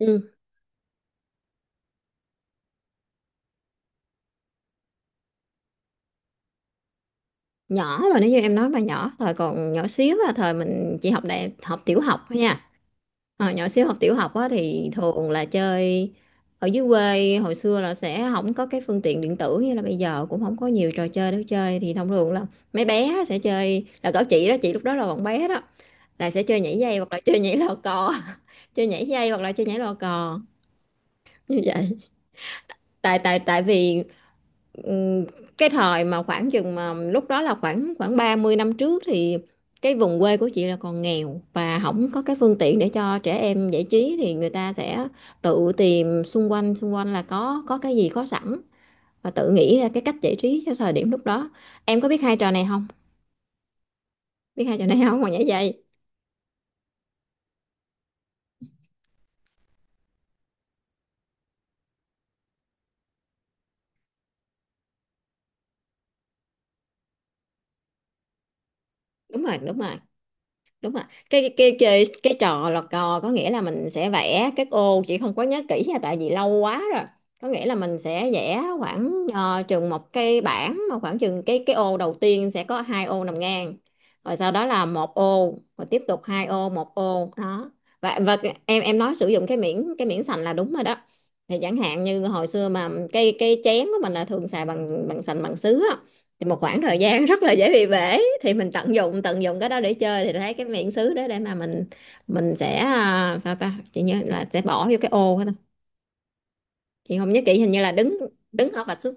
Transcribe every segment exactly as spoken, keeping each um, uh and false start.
Ừ. Nhỏ rồi, nếu như em nói mà nhỏ thời còn nhỏ xíu là thời mình chỉ học đại học tiểu học thôi nha. Ờ, nhỏ xíu học tiểu học á, thì thường là chơi ở dưới quê. Hồi xưa là sẽ không có cái phương tiện điện tử như là bây giờ, cũng không có nhiều trò chơi để chơi, thì thông thường là mấy bé sẽ chơi. Là có chị đó, chị lúc đó là còn bé đó, là sẽ chơi nhảy dây hoặc là chơi nhảy lò cò. Chơi nhảy dây hoặc là chơi nhảy lò cò như vậy. Tại tại tại vì ừm, cái thời mà khoảng chừng mà lúc đó là khoảng khoảng ba mươi năm trước, thì cái vùng quê của chị là còn nghèo và không có cái phương tiện để cho trẻ em giải trí, thì người ta sẽ tự tìm xung quanh. Xung quanh là có có cái gì có sẵn và tự nghĩ ra cái cách giải trí cho thời điểm lúc đó. Em có biết hai trò này không? Biết hai trò này không mà Nhảy dây. Đúng rồi, đúng rồi. Đúng ạ, cái cái cái cái, cái trò lọt cò có nghĩa là mình sẽ vẽ các ô. Chỉ không có nhớ kỹ nha tại vì lâu quá rồi. Có nghĩa là mình sẽ vẽ khoảng ờ, chừng một cái bảng mà khoảng chừng cái cái ô đầu tiên sẽ có hai ô nằm ngang, rồi sau đó là một ô, rồi tiếp tục hai ô, một ô đó. Và và em em nói sử dụng cái miếng cái miếng sành là đúng rồi đó. Thì chẳng hạn như hồi xưa mà cái cái chén của mình là thường xài bằng bằng sành bằng sứ á. Thì một khoảng thời gian rất là dễ bị bể thì mình tận dụng tận dụng cái đó để chơi. Thì thấy cái miệng xứ đó để mà mình mình sẽ à, sao ta, chị nhớ là sẽ bỏ vô cái ô đó thôi. Chị không nhớ kỹ, hình như là đứng đứng ở vạch xuất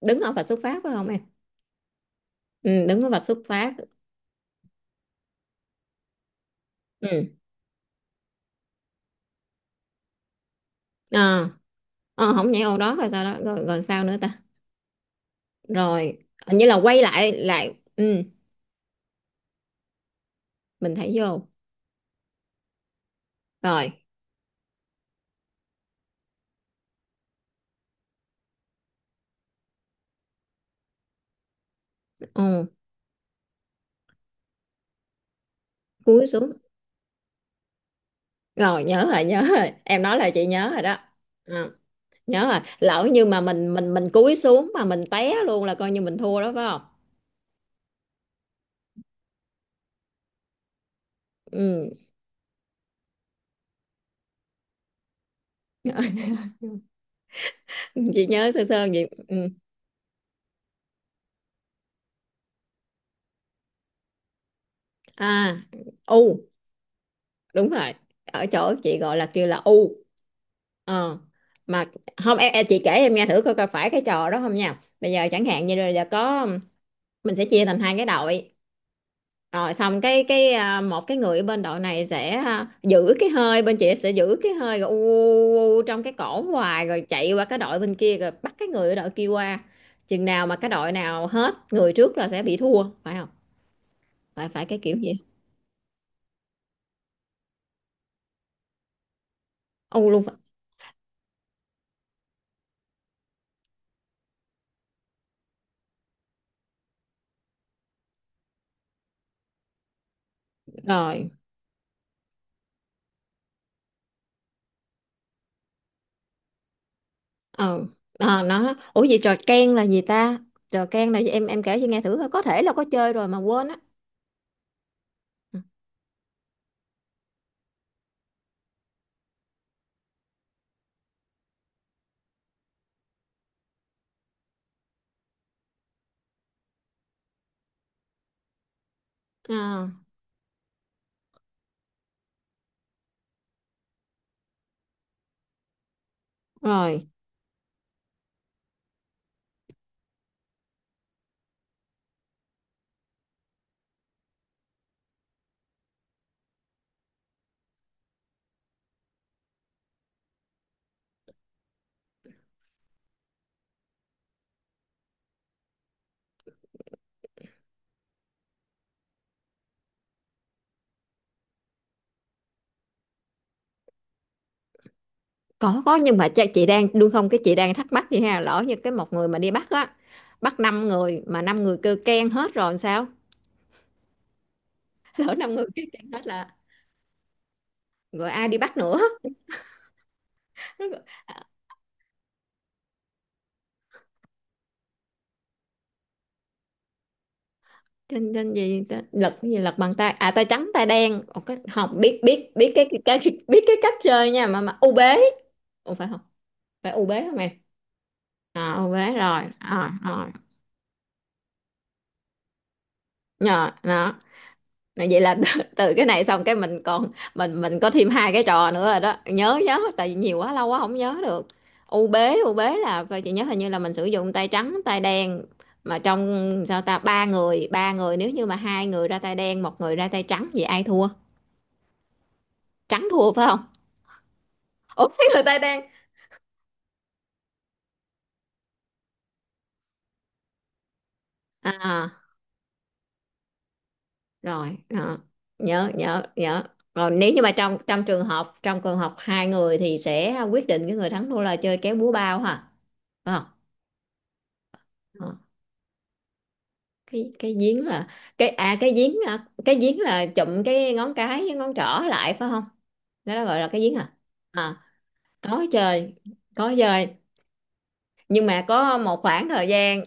đứng ở vạch xuất phát phải không em? Ừ, đứng ở vạch xuất phát. Ừ. à, à, Không nhảy ô đó, rồi sao đó, rồi, rồi sao nữa ta? Rồi hình như là quay lại lại. Ừ, mình thấy vô. Rồi ừ, cúi xuống. Rồi nhớ rồi, nhớ rồi, em nói là chị nhớ rồi đó. Ờ. Nhớ rồi, lỡ như mà mình, mình mình cúi xuống mà mình té luôn là coi như mình thua đó phải không? Ừ. Chị nhớ sơ sơ gì. Ừ. À, u. Đúng rồi. Ở chỗ chị gọi là kêu là u. Ờ. Mà không em, em chị kể em nghe thử coi, coi phải cái trò đó không nha. Bây giờ chẳng hạn như là có, mình sẽ chia thành hai cái đội. Rồi xong cái cái à, một cái người ở bên đội này sẽ à, giữ cái hơi, bên chị sẽ giữ cái hơi rồi u, u, u trong cái cổ hoài rồi chạy qua cái đội bên kia, rồi bắt cái người ở đội kia qua. Chừng nào mà cái đội nào hết người trước là sẽ bị thua phải không? Phải phải cái kiểu gì. U luôn phải. Rồi. Ờ. Ờ, nó ủa vậy trò ken là gì ta? Trò ken là gì em em kể cho nghe thử coi. Có thể là có chơi rồi mà quên á. Ừ. Ờ. Rồi. Có có nhưng mà cha, chị đang đúng không? Cái chị đang thắc mắc vậy ha, lỡ như cái một người mà đi bắt á, bắt năm người mà năm người kêu keng hết rồi làm sao? Lỡ năm người kêu keng hết là, rồi ai đi bắt nữa? trên trên gì ta- lật cái gì, lật bằng tay à, tay trắng tay đen. Ồ, cái không biết biết biết cái, cái, cái biết cái cách chơi nha, mà mà u bế. Ủa phải không? Phải u bế không em? À, u bế rồi, à rồi. Nhờ đó. Vậy là từ, từ cái này xong cái mình còn, mình mình có thêm hai cái trò nữa rồi đó. Nhớ nhớ, tại vì nhiều quá, lâu quá không nhớ được. U bế u bế là, và chị nhớ hình như là mình sử dụng tay trắng tay đen. Mà trong, sao ta, ba người ba người nếu như mà hai người ra tay đen, một người ra tay trắng vậy ai thua? Trắng thua phải không? Ủa, cái người tay đen. À rồi. À, nhớ nhớ nhớ. Còn nếu như mà trong trong trường hợp trong trường hợp hai người thì sẽ quyết định cái người thắng thua là chơi kéo búa bao hả, phải không? Cái cái giếng là, cái à cái giếng, à, cái giếng là chụm cái ngón cái với ngón trỏ lại phải không? Đó là gọi là cái giếng à? À, có chơi. Có chơi nhưng mà có một khoảng thời gian.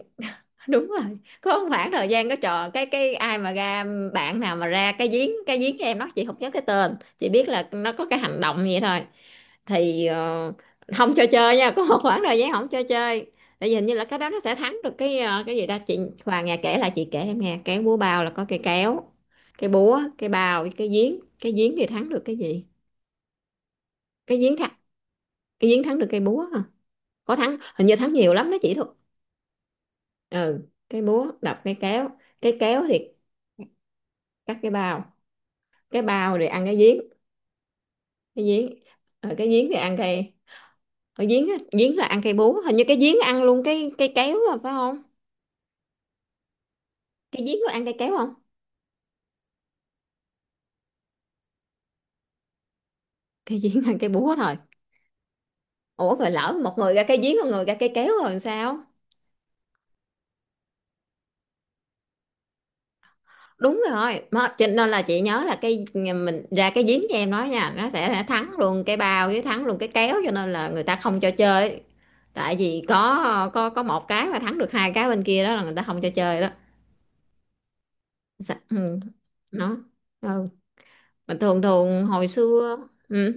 Đúng rồi, có một khoảng thời gian có trò, cái cái ai mà ra, bạn nào mà ra cái giếng cái giếng cho em nó, chị không nhớ cái tên, chị biết là nó có cái hành động vậy thôi. Thì ờ, không cho chơi nha, có một khoảng thời gian không cho chơi. Tại vì hình như là cái đó nó sẽ thắng được cái, ờ, cái gì ta, chị Hoàng nghe kể, là chị kể em nghe. Cái búa bao là có cây kéo, cái búa, cái bao với cái giếng cái giếng thì thắng được cái gì? Cái giếng thắng. Cái giếng thắng được cây búa hả? Có thắng, hình như thắng nhiều lắm đó chị thôi. Ừ, cái búa đập cái kéo, cái kéo thì cắt cái bao, cái bao rồi ăn cái giếng. Cái giếng. Ờ, cái giếng thì ăn cây. Ở giếng á, giếng là ăn cây búa, hình như cái giếng ăn luôn cái cây kéo à, phải không? Cái giếng có ăn cây kéo không? Cái giếng ăn cây búa thôi. Ủa rồi lỡ một người ra cái giếng, một người ra cây kéo rồi làm sao? Đúng rồi, mà cho nên là chị nhớ là cái, ờ, mình ra cái giếng cho em nói nha, nó sẽ thắng luôn cái bao với thắng luôn cái kéo, cho nên là người ta không cho chơi. Tại vì có, có có một cái mà thắng được hai cái bên kia, đó là người ta không cho chơi đó. Dạ, ừ. Nó. Ừ. Mà thường thường hồi xưa. Ừ,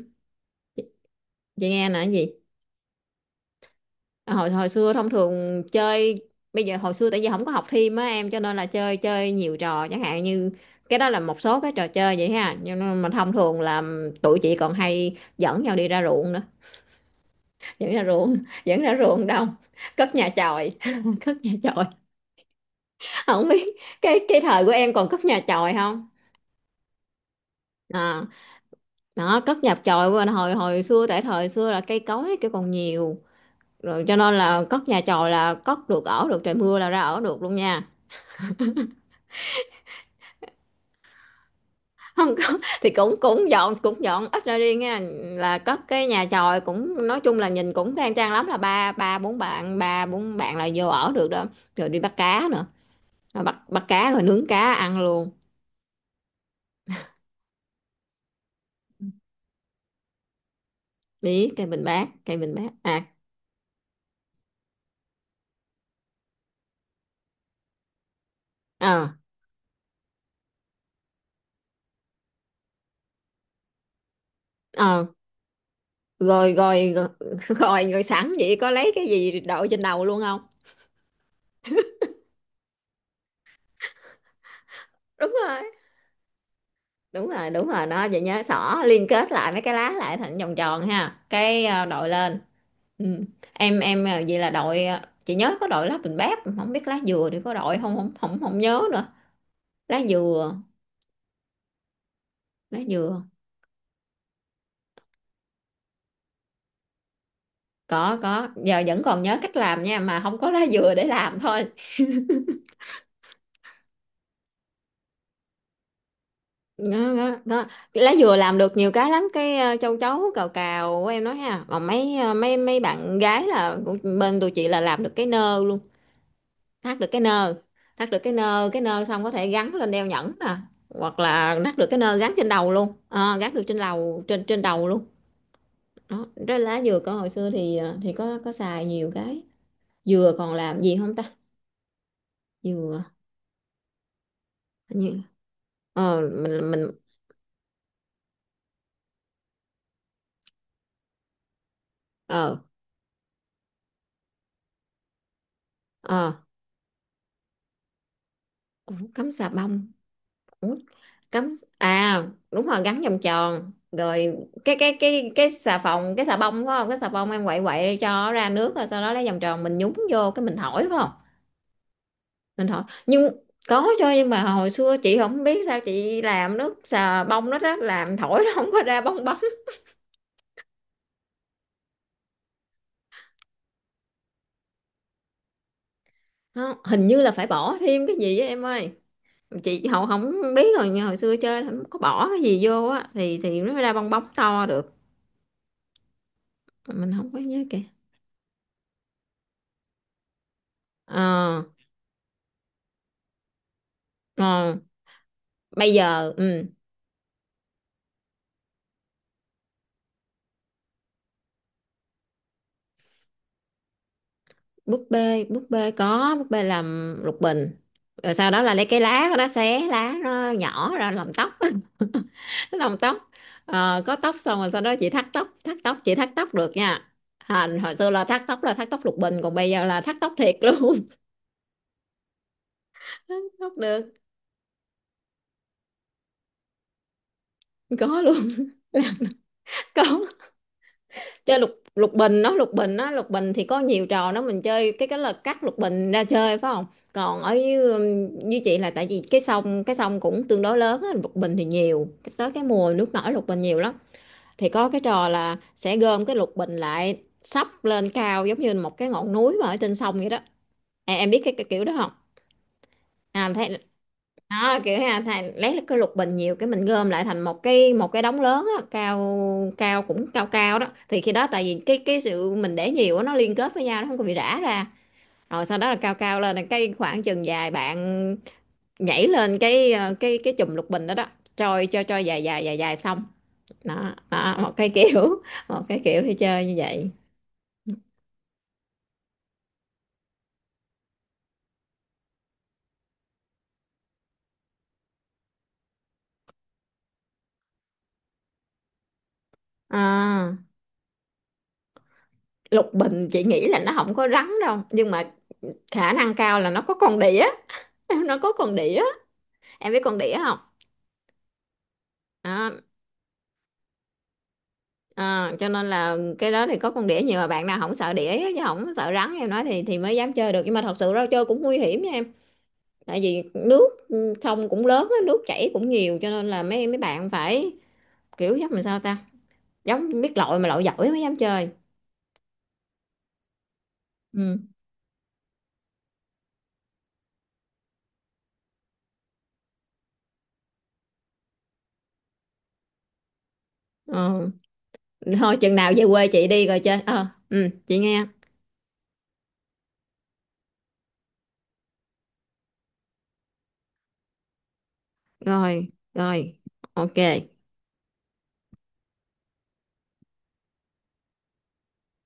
chị nghe nè, cái gì? à, hồi hồi xưa thông thường chơi, bây giờ hồi xưa tại vì không có học thêm á em, cho nên là chơi chơi nhiều trò, chẳng hạn như, cái đó là một số cái trò chơi vậy ha. Nhưng mà mà thông thường là tụi chị còn hay dẫn nhau đi ra ruộng nữa. Dẫn ra ruộng. Dẫn ra ruộng đông. Cất nhà chòi. Cất nhà chòi, không biết cái cái thời của em còn cất nhà chòi không? à, Đó, cất nhà chòi của anh hồi hồi xưa, tại thời xưa là cây cối cái còn nhiều, rồi cho nên là cất nhà chòi là cất được, ở được, trời mưa là ra ở được luôn nha. Không có thì cũng cũng dọn, cũng dọn ít ra đi nha, là cất cái nhà chòi cũng, nói chung là nhìn cũng khang trang lắm, là ba ba bốn bạn ba bốn bạn là vô ở được đó. Rồi đi bắt cá nữa. Rồi bắt bắt cá rồi nướng cá ăn luôn. bí cây bình bát, cây bình bát à? Ờ. Ờ. Rồi rồi rồi. Rồi sẵn vậy có lấy cái gì đội trên đầu luôn không? Đúng rồi, đúng rồi, đúng rồi đó. Vậy nhớ xỏ liên kết lại mấy cái lá lại thành vòng tròn ha, cái ờ, đội lên. Ừ. em em ờ, vậy là đội ờ, chị nhớ có đội lá bình bát, không biết lá dừa thì có đội không, không không không nhớ nữa. Lá dừa. Lá dừa. Có có giờ vẫn còn nhớ cách làm nha, mà không có lá dừa để làm thôi. Đó, đó, đó. Lá dừa làm được nhiều cái lắm. Cái ờ, châu chấu cào cào của em nói ha, còn mấy ờ, mấy mấy bạn gái là của bên tụi chị là làm được cái nơ luôn. Thắt được cái nơ, thắt được cái nơ. Cái nơ xong có thể gắn lên đeo nhẫn nè, hoặc là thắt được cái nơ gắn trên đầu luôn. Ờ, Gắn được trên đầu, trên trên đầu luôn. Đó, cái lá dừa có hồi xưa thì ờ, thì có có xài nhiều cái. Dừa còn làm gì không ta? Dừa, như, ờ mình mình ờ. Ờ, ủa, cắm xà bông? Ủa, cắm, à, đúng rồi, gắn vòng tròn rồi. Cái cái cái cái xà phòng, cái xà bông phải không? Cái xà bông em quậy quậy cho ra nước, rồi sau đó lấy vòng tròn mình nhúng vô, cái mình thổi, phải không? Mình hỏi nhưng có cho, nhưng mà hồi xưa chị không biết sao chị làm nước xà bông nó rất làm thổi nó không có ra bong bóng. Không, hình như là phải bỏ thêm cái gì á em ơi. Chị hậu không biết rồi, nhưng hồi xưa chơi là không có bỏ cái gì vô á thì thì nó mới ra bong bóng to được. Mình không có nhớ kìa. Ờ. Ờ, bây giờ ừ, búp bê, búp bê có, búp bê làm lục bình. Rồi sau đó là lấy cái lá của nó, xé lá nó nhỏ ra làm tóc. Làm tóc. Ờ, có tóc xong rồi sau đó chị thắt tóc, thắt tóc, chị thắt tóc được nha. À, hồi xưa là thắt tóc là thắt tóc lục bình, còn bây giờ là thắt tóc thiệt luôn. Thắt tóc được. Có luôn. Có. Chơi lục, lục bình nó, lục bình nó, lục bình thì có nhiều trò đó. Mình chơi cái cái là cắt lục bình ra chơi phải không? Còn ở như, như chị là tại vì cái sông, cái sông cũng tương đối lớn á, lục bình thì nhiều cái- tới cái mùa nước nổi lục bình nhiều lắm. Thì có cái trò là sẽ gom cái lục bình lại sắp lên cao, giống như một cái ngọn núi mà ở trên sông vậy đó. em, em biết cái, cái kiểu đó không? À, thấy đó, kiểu ha, thay lấy cái lục bình nhiều cái mình gom lại thành một cái một cái đống lớn á, cao. Cao cũng cao cao đó. Thì khi đó tại vì cái cái sự mình để nhiều á, nó liên kết với nhau, nó không có bị rã ra. Rồi sau đó là cao cao lên là cái khoảng chừng dài bạn nhảy lên cái ờ, cái cái chùm lục bình đó đó, trôi cho cho dài dài dài dài xong. Đó, đó, một cái kiểu một cái kiểu đi chơi như vậy. À, lục bình chị nghĩ là nó không có rắn đâu, nhưng mà khả năng cao là nó có con đĩa. Nó có con đĩa. Em biết con đĩa không? À, à, cho nên là cái đó thì có con đĩa nhiều, mà bạn nào không sợ đĩa chứ không sợ rắn em nói thì thì mới dám chơi được. Nhưng mà thật sự ra chơi cũng nguy hiểm nha em. Tại vì nước ừ, sông cũng lớn á, nước chảy cũng nhiều, cho nên là mấy mấy bạn phải kiểu giống làm sao ta, giống biết lội mà lội giỏi mới dám chơi. Ừ. Ờ. Thôi chừng nào về quê chị đi rồi chơi. Ờ, ừ, chị nghe. Rồi, rồi, ok.